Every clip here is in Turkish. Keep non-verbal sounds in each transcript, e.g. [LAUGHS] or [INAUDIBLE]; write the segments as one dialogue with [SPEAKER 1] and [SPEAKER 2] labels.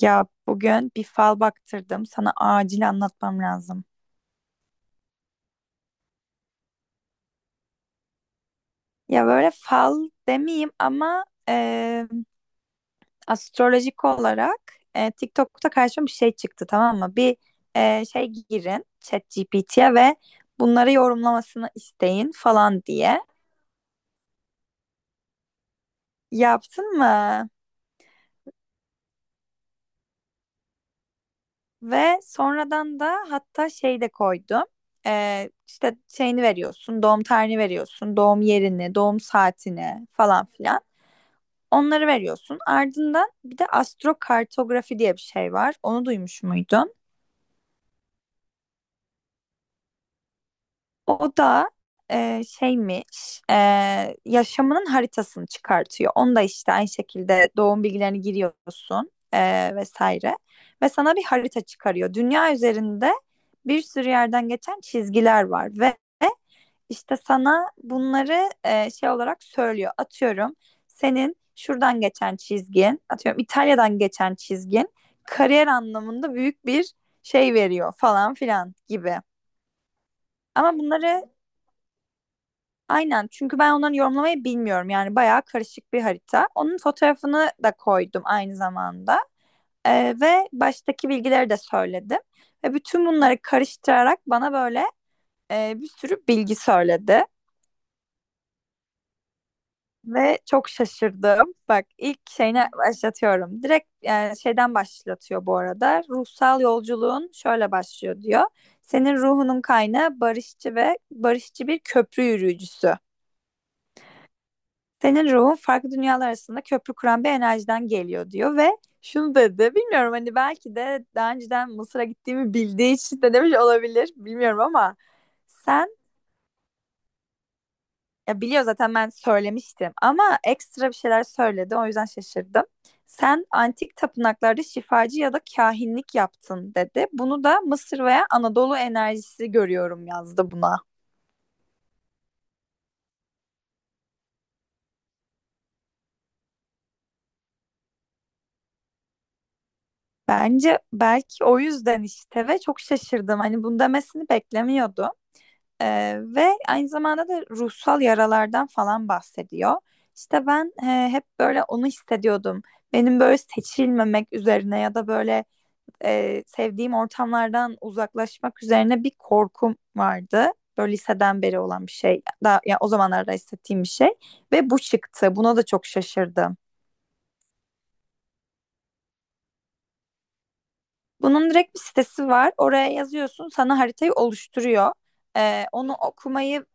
[SPEAKER 1] Ya bugün bir fal baktırdım. Sana acil anlatmam lazım. Ya böyle fal demeyeyim ama astrolojik olarak TikTok'ta karşıma bir şey çıktı, tamam mı? Bir şey girin ChatGPT'ye ve bunları yorumlamasını isteyin falan diye. Yaptın mı? Ve sonradan da hatta şey de koydum. İşte şeyini veriyorsun, doğum tarihini veriyorsun, doğum yerini, doğum saatini falan filan. Onları veriyorsun. Ardından bir de astrokartografi diye bir şey var. Onu duymuş muydun? O da şeymiş, yaşamının haritasını çıkartıyor. Onu da işte aynı şekilde doğum bilgilerini giriyorsun, vesaire. Ve sana bir harita çıkarıyor. Dünya üzerinde bir sürü yerden geçen çizgiler var ve İşte sana bunları şey olarak söylüyor. Atıyorum senin şuradan geçen çizgin, atıyorum İtalya'dan geçen çizgin kariyer anlamında büyük bir şey veriyor falan filan gibi. Ama bunları aynen, çünkü ben onları yorumlamayı bilmiyorum. Yani bayağı karışık bir harita. Onun fotoğrafını da koydum aynı zamanda. Ve baştaki bilgileri de söyledim. Ve bütün bunları karıştırarak bana böyle bir sürü bilgi söyledi. Ve çok şaşırdım. Bak, ilk şeyine başlatıyorum. Direkt yani şeyden başlatıyor bu arada. Ruhsal yolculuğun şöyle başlıyor diyor. Senin ruhunun kaynağı barışçı ve barışçı bir köprü yürüyücüsü. Senin ruhun farklı dünyalar arasında köprü kuran bir enerjiden geliyor diyor ve şunu dedi. Bilmiyorum, hani belki de daha önceden Mısır'a gittiğimi bildiği için de demiş olabilir. Bilmiyorum ama sen... Ya biliyor zaten, ben söylemiştim, ama ekstra bir şeyler söyledi, o yüzden şaşırdım. Sen antik tapınaklarda şifacı ya da kahinlik yaptın dedi. Bunu da Mısır veya Anadolu enerjisi görüyorum yazdı buna. Bence belki o yüzden işte ve çok şaşırdım. Hani bunu demesini beklemiyordum. Ve aynı zamanda da ruhsal yaralardan falan bahsediyor. İşte ben hep böyle onu hissediyordum. Benim böyle seçilmemek üzerine ya da böyle sevdiğim ortamlardan uzaklaşmak üzerine bir korkum vardı. Böyle liseden beri olan bir şey. Daha, yani o zamanlarda hissettiğim bir şey. Ve bu çıktı. Buna da çok şaşırdım. Bunun direkt bir sitesi var. Oraya yazıyorsun. Sana haritayı oluşturuyor. Onu okumayı...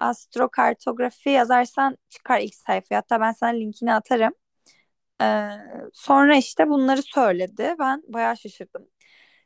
[SPEAKER 1] astrokartografi yazarsan çıkar ilk sayfaya. Hatta ben sana linkini atarım. Ee, sonra işte bunları söyledi. Ben bayağı şaşırdım.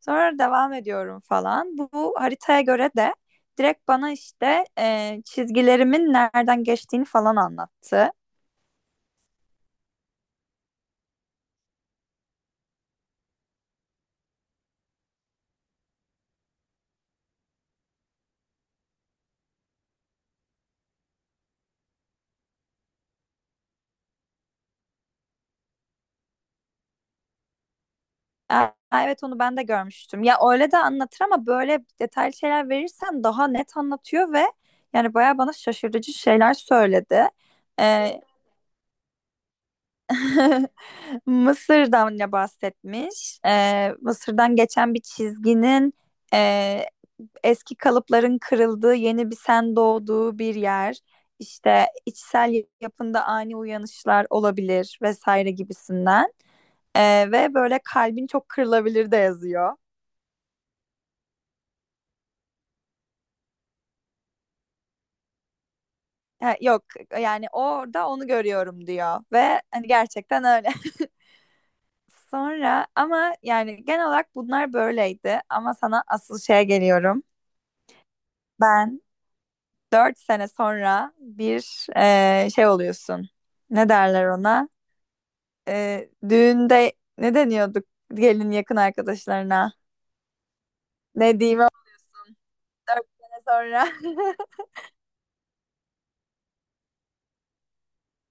[SPEAKER 1] Sonra devam ediyorum falan. Bu haritaya göre de direkt bana işte çizgilerimin nereden geçtiğini falan anlattı. Aa, evet onu ben de görmüştüm. Ya öyle de anlatır ama böyle detaylı şeyler verirsen daha net anlatıyor ve yani bayağı bana şaşırtıcı şeyler söyledi. Ee, [LAUGHS] Mısır'dan ne bahsetmiş? Mısır'dan geçen bir çizginin e, eski kalıpların kırıldığı, yeni bir sen doğduğu bir yer. İşte içsel yapında ani uyanışlar olabilir vesaire gibisinden. Ve böyle kalbin çok kırılabilir de yazıyor. Ha, yok, yani orada onu görüyorum diyor ve hani gerçekten öyle. [LAUGHS] Sonra ama yani genel olarak bunlar böyleydi, ama sana asıl şeye geliyorum. Ben... 4 sene sonra bir şey oluyorsun. Ne derler ona? Düğünde ne deniyorduk gelin yakın arkadaşlarına? Ne diyeyim ama, 4 sene sonra. [LAUGHS]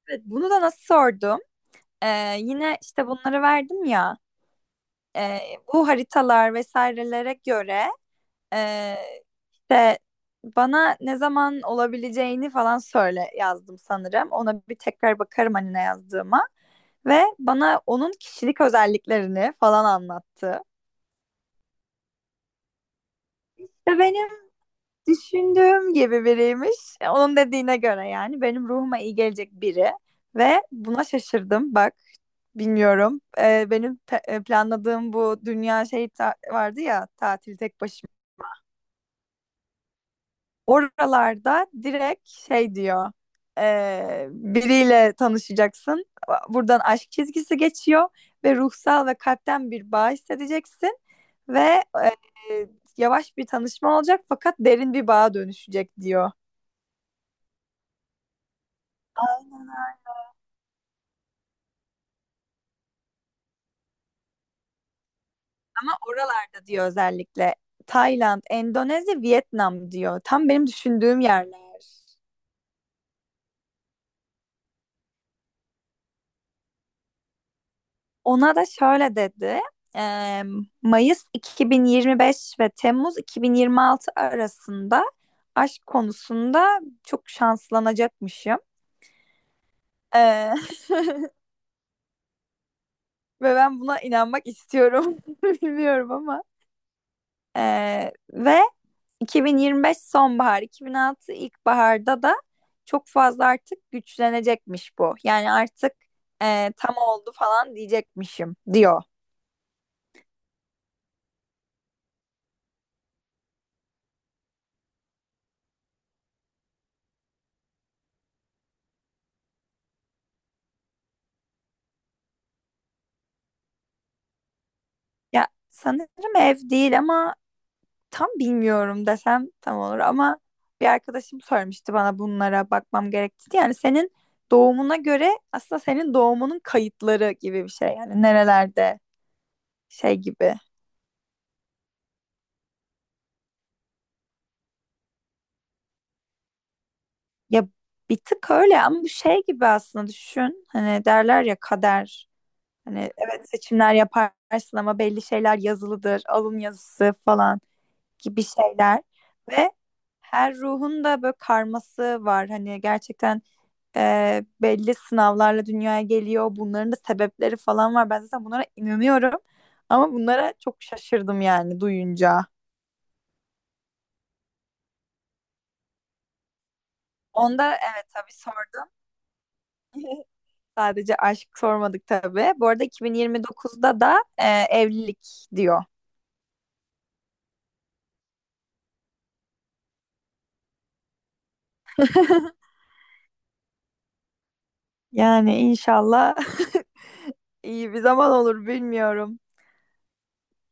[SPEAKER 1] Evet, bunu da nasıl sordum? Yine işte bunları verdim ya. E, bu haritalar vesairelere göre e, işte bana ne zaman olabileceğini falan söyle yazdım sanırım. Ona bir tekrar bakarım hani ne yazdığıma. Ve bana onun kişilik özelliklerini falan anlattı. İşte benim düşündüğüm gibi biriymiş. Onun dediğine göre yani benim ruhuma iyi gelecek biri. Ve buna şaşırdım. Bak, bilmiyorum. Benim planladığım bu dünya şey vardı ya, tatil tek başıma. Oralarda direkt şey diyor. Biriyle tanışacaksın. Buradan aşk çizgisi geçiyor ve ruhsal ve kalpten bir bağ hissedeceksin ve eee, yavaş bir tanışma olacak fakat derin bir bağa dönüşecek diyor. Ama oralarda diyor özellikle Tayland, Endonezya, Vietnam diyor. Tam benim düşündüğüm yerler. Ona da şöyle dedi. eee, Mayıs 2025 ve Temmuz 2026 arasında aşk konusunda çok şanslanacakmışım. Eee, [LAUGHS] ve ben buna inanmak istiyorum. [LAUGHS] Bilmiyorum ama. Ve 2025 sonbahar, 2006 ilkbaharda da çok fazla artık güçlenecekmiş bu. Yani artık tam oldu falan diyecekmişim diyor. Ya sanırım ev değil ama... Tam bilmiyorum desem tam olur ama bir arkadaşım sormuştu bana bunlara bakmam gerektiğini. Yani senin doğumuna göre aslında senin doğumunun kayıtları gibi bir şey. Yani nerelerde şey gibi. Ya bir tık öyle ama bu şey gibi aslında düşün. Hani derler ya, kader. Hani evet, seçimler yaparsın ama belli şeyler yazılıdır. Alın yazısı falan gibi şeyler. Ve her ruhun da böyle karması var. Hani gerçekten belli sınavlarla dünyaya geliyor. Bunların da sebepleri falan var. Ben zaten bunlara inanıyorum. Ama bunlara çok şaşırdım yani duyunca. Onda evet, tabii sordum. [LAUGHS] Sadece aşk sormadık tabii. Bu arada 2029'da da evlilik diyor. Yani inşallah [LAUGHS] iyi bir zaman olur, bilmiyorum.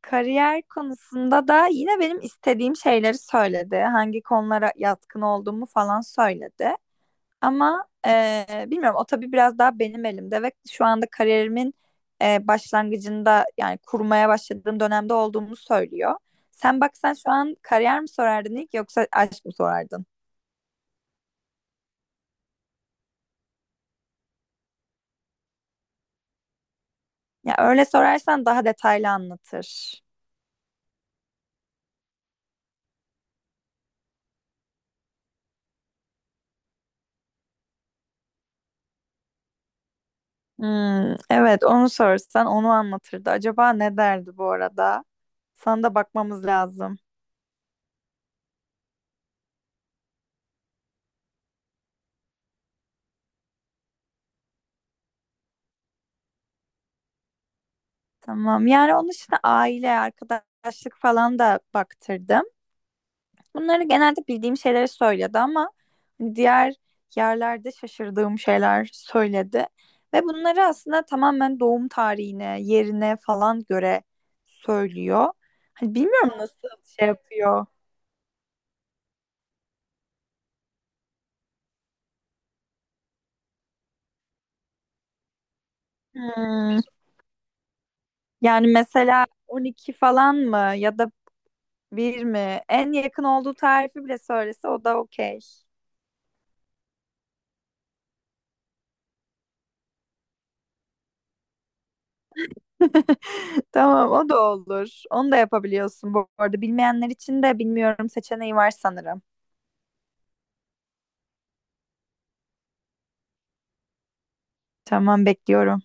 [SPEAKER 1] Kariyer konusunda da yine benim istediğim şeyleri söyledi. Hangi konulara yatkın olduğumu falan söyledi. Ama bilmiyorum, o tabii biraz daha benim elimde ve şu anda kariyerimin başlangıcında yani kurmaya başladığım dönemde olduğumu söylüyor. Sen baksan şu an kariyer mi sorardın ilk, yoksa aşk mı sorardın? Ya öyle sorarsan daha detaylı anlatır. Hmm, evet onu sorsan onu anlatırdı. Acaba ne derdi bu arada? Sana da bakmamız lazım. Tamam, yani onun için aile, arkadaşlık falan da baktırdım. Bunları genelde bildiğim şeyleri söyledi ama hani, diğer yerlerde şaşırdığım şeyler söyledi. Ve bunları aslında tamamen doğum tarihine, yerine falan göre söylüyor. Hani bilmiyorum nasıl şey yapıyor. Hmm, yani mesela 12 falan mı ya da bir mi? En yakın olduğu tarifi bile söylese o da okey. [LAUGHS] Tamam, o da olur. Onu da yapabiliyorsun bu arada. Bilmeyenler için de bilmiyorum seçeneği var sanırım. Tamam, bekliyorum.